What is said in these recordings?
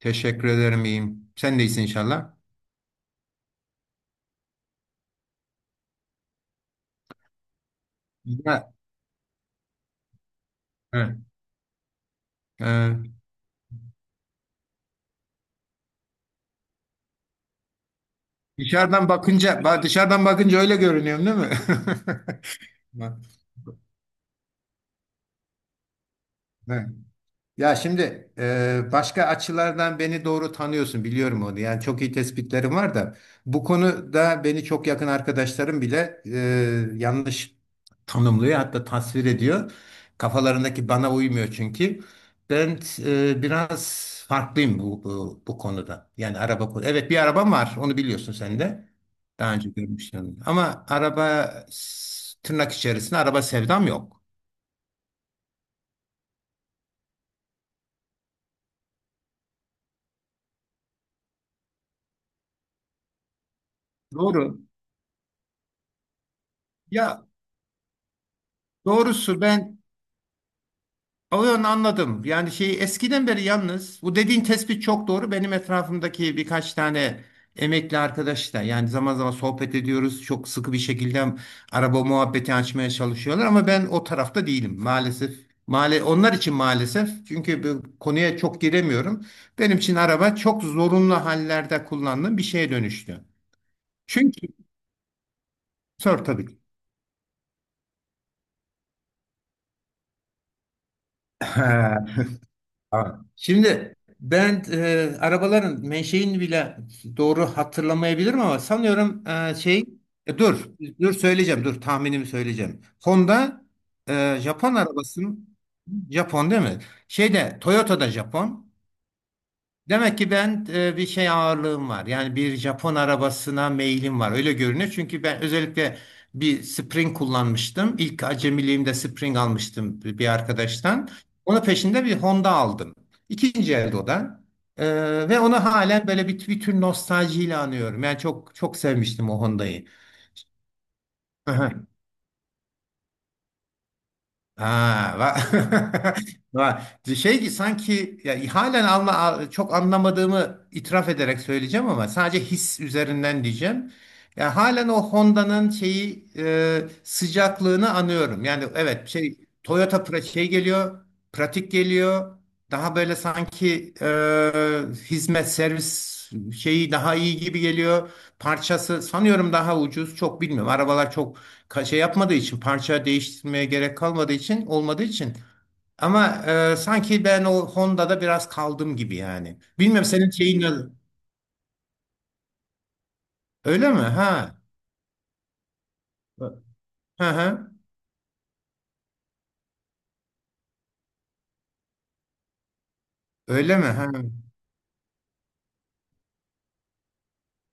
Teşekkür ederim iyiyim. Sen de iyisin inşallah. Ya, evet, evet. Dışarıdan bakınca, dışarıdan bakınca öyle görünüyorum değil mi? Bak, evet. Ya şimdi başka açılardan beni doğru tanıyorsun biliyorum onu. Yani çok iyi tespitlerim var da bu konuda beni çok yakın arkadaşlarım bile yanlış tanımlıyor hatta tasvir ediyor. Kafalarındaki bana uymuyor çünkü. Ben biraz farklıyım bu konuda. Yani evet bir arabam var onu biliyorsun sen de. Daha önce görmüştün. Ama tırnak içerisinde araba sevdam yok. Doğru. Ya doğrusu ben. Onu anladım. Yani şey eskiden beri yalnız bu dediğin tespit çok doğru. Benim etrafımdaki birkaç tane emekli arkadaş da yani zaman zaman sohbet ediyoruz. Çok sıkı bir şekilde araba muhabbeti açmaya çalışıyorlar ama ben o tarafta değilim maalesef. Male onlar için maalesef çünkü bu konuya çok giremiyorum. Benim için araba çok zorunlu hallerde kullandığım bir şeye dönüştü. Çünkü sor tabii ki. Ha. Şimdi ben arabaların menşeini bile doğru hatırlamayabilirim ama sanıyorum e, dur dur söyleyeceğim, dur tahminimi söyleyeceğim. Honda Japon arabası. Japon değil mi? Şeyde Toyota'da Japon. Demek ki ben bir şey ağırlığım var. Yani bir Japon arabasına meylim var. Öyle görünüyor. Çünkü ben özellikle bir Spring kullanmıştım. İlk acemiliğimde Spring almıştım bir arkadaştan. Onun peşinde bir Honda aldım. İkinci elde o da. E, Ve onu halen böyle bir tür nostaljiyle anıyorum. Yani çok çok sevmiştim o Honda'yı. Ha, şey ki sanki ya, halen çok anlamadığımı itiraf ederek söyleyeceğim ama sadece his üzerinden diyeceğim. Ya halen o Honda'nın şeyi sıcaklığını anıyorum. Yani evet şey Toyota şey geliyor, pratik geliyor. Daha böyle sanki hizmet servis şeyi daha iyi gibi geliyor. Parçası sanıyorum daha ucuz. Çok bilmiyorum. Arabalar çok şey yapmadığı için, parça değiştirmeye gerek kalmadığı için, olmadığı için ama sanki ben o Honda'da biraz kaldım gibi yani. Bilmem senin şeyin ne- öyle mi? Ha. Hı hı. Öyle mi? Ha.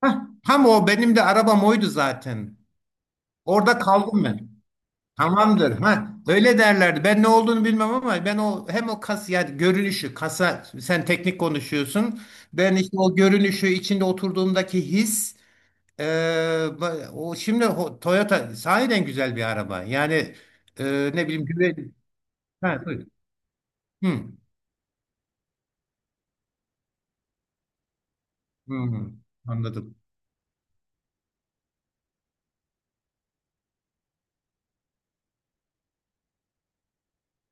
Hah, tam o benim de arabam oydu zaten. Orada kaldım ben. Tamamdır. Ha, öyle derlerdi. Ben ne olduğunu bilmem ama ben o hem o kas ya görünüşü, kasa sen teknik konuşuyorsun. Ben işte o görünüşü içinde oturduğumdaki his. O şimdi Toyota sahiden güzel bir araba. Yani ne bileyim, güven. Ha, buyur. Hı, hı, hı, anladım.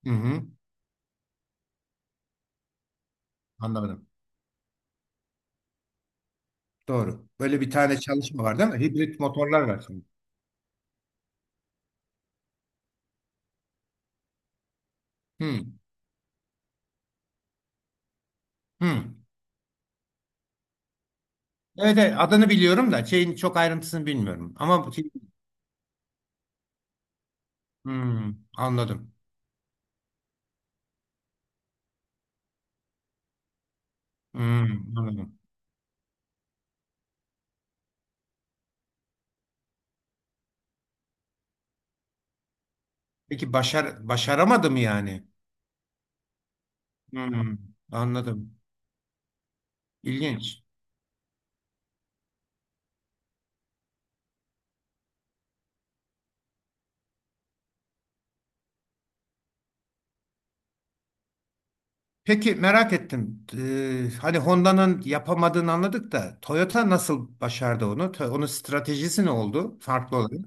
Hı hı, anladım. Doğru. Böyle bir tane çalışma var değil mi? Hibrit motorlar var şimdi. Hı, hı. Evet, evet, adını biliyorum da şeyin çok ayrıntısını bilmiyorum. Ama şey, hı, anladım. Hı, anladım. Peki başaramadı mı yani? Hı, anladım. İlginç. Peki merak ettim. Hani Honda'nın yapamadığını anladık da Toyota nasıl başardı onu? Onun stratejisi ne oldu? Farklı olarak.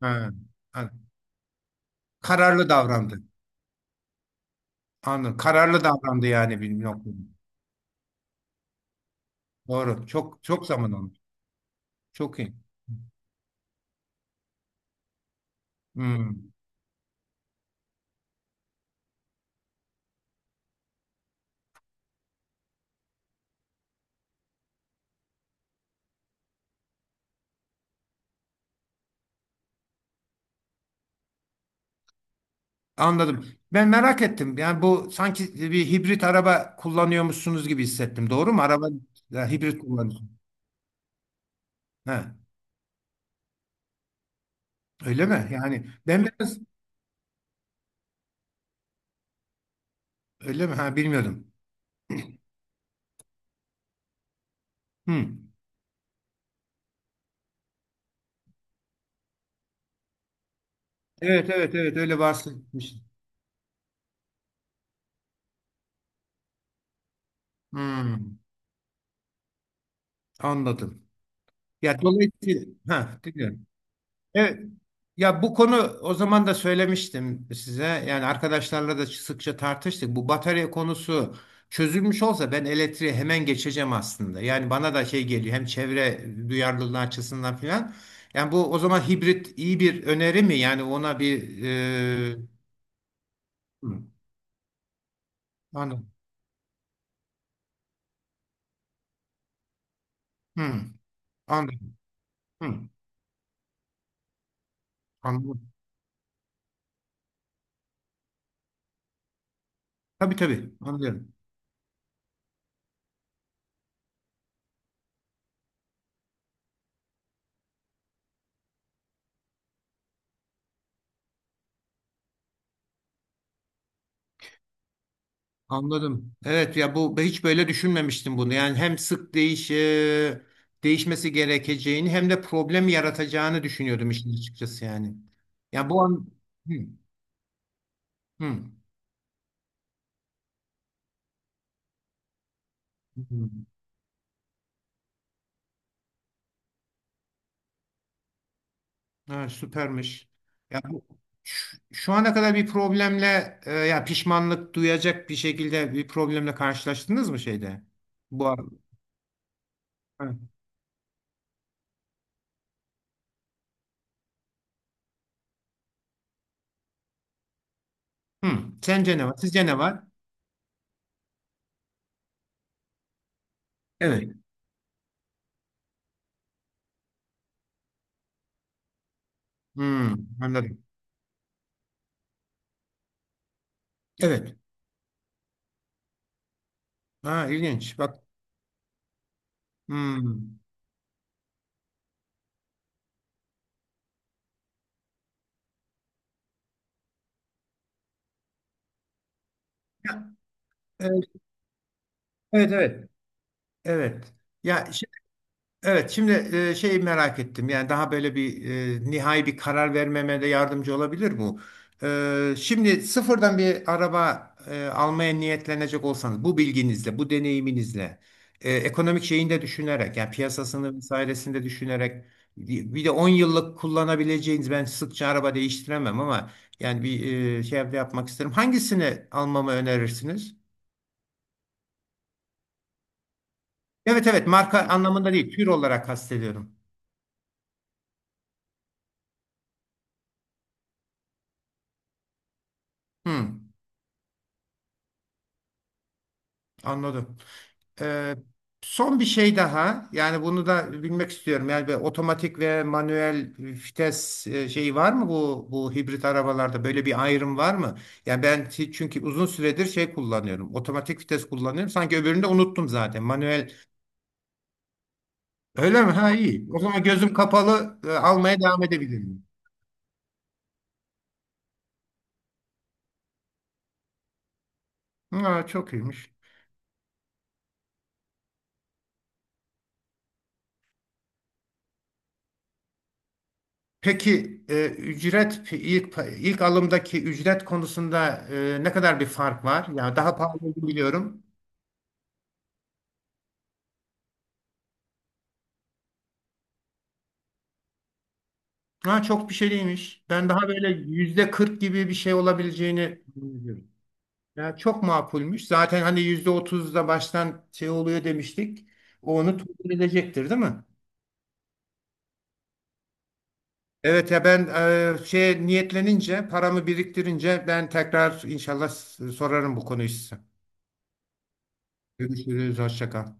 Ha, ha. Kararlı davrandı. Anladım. Kararlı davrandı yani bir noktada. Doğru. Çok çok zaman olmuş. Çok iyi. Hmm. Anladım. Ben merak ettim. Yani bu sanki bir hibrit araba kullanıyormuşsunuz gibi hissettim. Doğru mu? Araba ya, hibrit kullanıyorsun. Ha, öyle mi? Yani ben biraz. Öyle mi? Ha, bilmiyordum. Hmm. Evet evet evet, öyle bahsetmiştim. Hmm, anladım. Ya dolayısıyla, ha, dinliyorum. Evet. Ya bu konu o zaman da söylemiştim size. Yani arkadaşlarla da sıkça tartıştık. Bu batarya konusu çözülmüş olsa ben elektriğe hemen geçeceğim aslında. Yani bana da şey geliyor, hem çevre duyarlılığı açısından filan. Yani bu o zaman hibrit iyi bir öneri mi? Yani ona bir hı, anladım. Hı, anladım. Hı, anladım. Tabii tabii, anlıyorum. Anladım. Evet ya bu hiç böyle düşünmemiştim bunu. Yani hem sık değiş değişmesi gerekeceğini hem de problem yaratacağını düşünüyordum işin açıkçası yani. Ya bu an. Hı, hı, hı. Ha, süpermiş. Ya bu şu ana kadar bir problemle ya pişmanlık duyacak bir şekilde bir problemle karşılaştınız mı şeyde? Bu ar- Hı. Hı. Sence ne var? Sizce ne var? Evet. Hı, anladım. Evet. Ha, ilginç. Bak. Hı. Evet, evet, evet. Evet. Ya, evet şimdi şeyi merak ettim. Yani daha böyle bir nihai bir karar vermeme de yardımcı olabilir bu. Şimdi sıfırdan bir araba almaya niyetlenecek olsanız bu bilginizle, bu deneyiminizle, ekonomik şeyini de düşünerek, yani piyasasını vesairesini de düşünerek, bir de 10 yıllık kullanabileceğiniz, ben sıkça araba değiştiremem ama yani bir şey de yapmak isterim, hangisini almamı önerirsiniz? Evet evet, marka anlamında değil, tür olarak kastediyorum. Hmm, anladım. Ee, son bir şey daha yani bunu da bilmek istiyorum. Yani bir otomatik ve manuel vites şeyi var mı, bu hibrit arabalarda böyle bir ayrım var mı? Yani ben çünkü uzun süredir şey kullanıyorum. Otomatik vites kullanıyorum. Sanki öbürünü de unuttum zaten. Manuel. Öyle mi? Ha, iyi. O zaman gözüm kapalı almaya devam edebilirim. Ha, çok iyiymiş. Peki ücret, ilk alımdaki ücret konusunda ne kadar bir fark var? Yani daha pahalı olduğunu biliyorum. Ha, çok bir şey değilmiş. Ben daha böyle %40 gibi bir şey olabileceğini biliyorum. Ya çok makulmüş. Zaten hani yüzde 30'da baştan şey oluyor demiştik. O onu tutun edecektir, değil mi? Evet ya ben şey niyetlenince, paramı biriktirince ben tekrar inşallah sorarım bu konuyu size. Görüşürüz. Hoşça kal.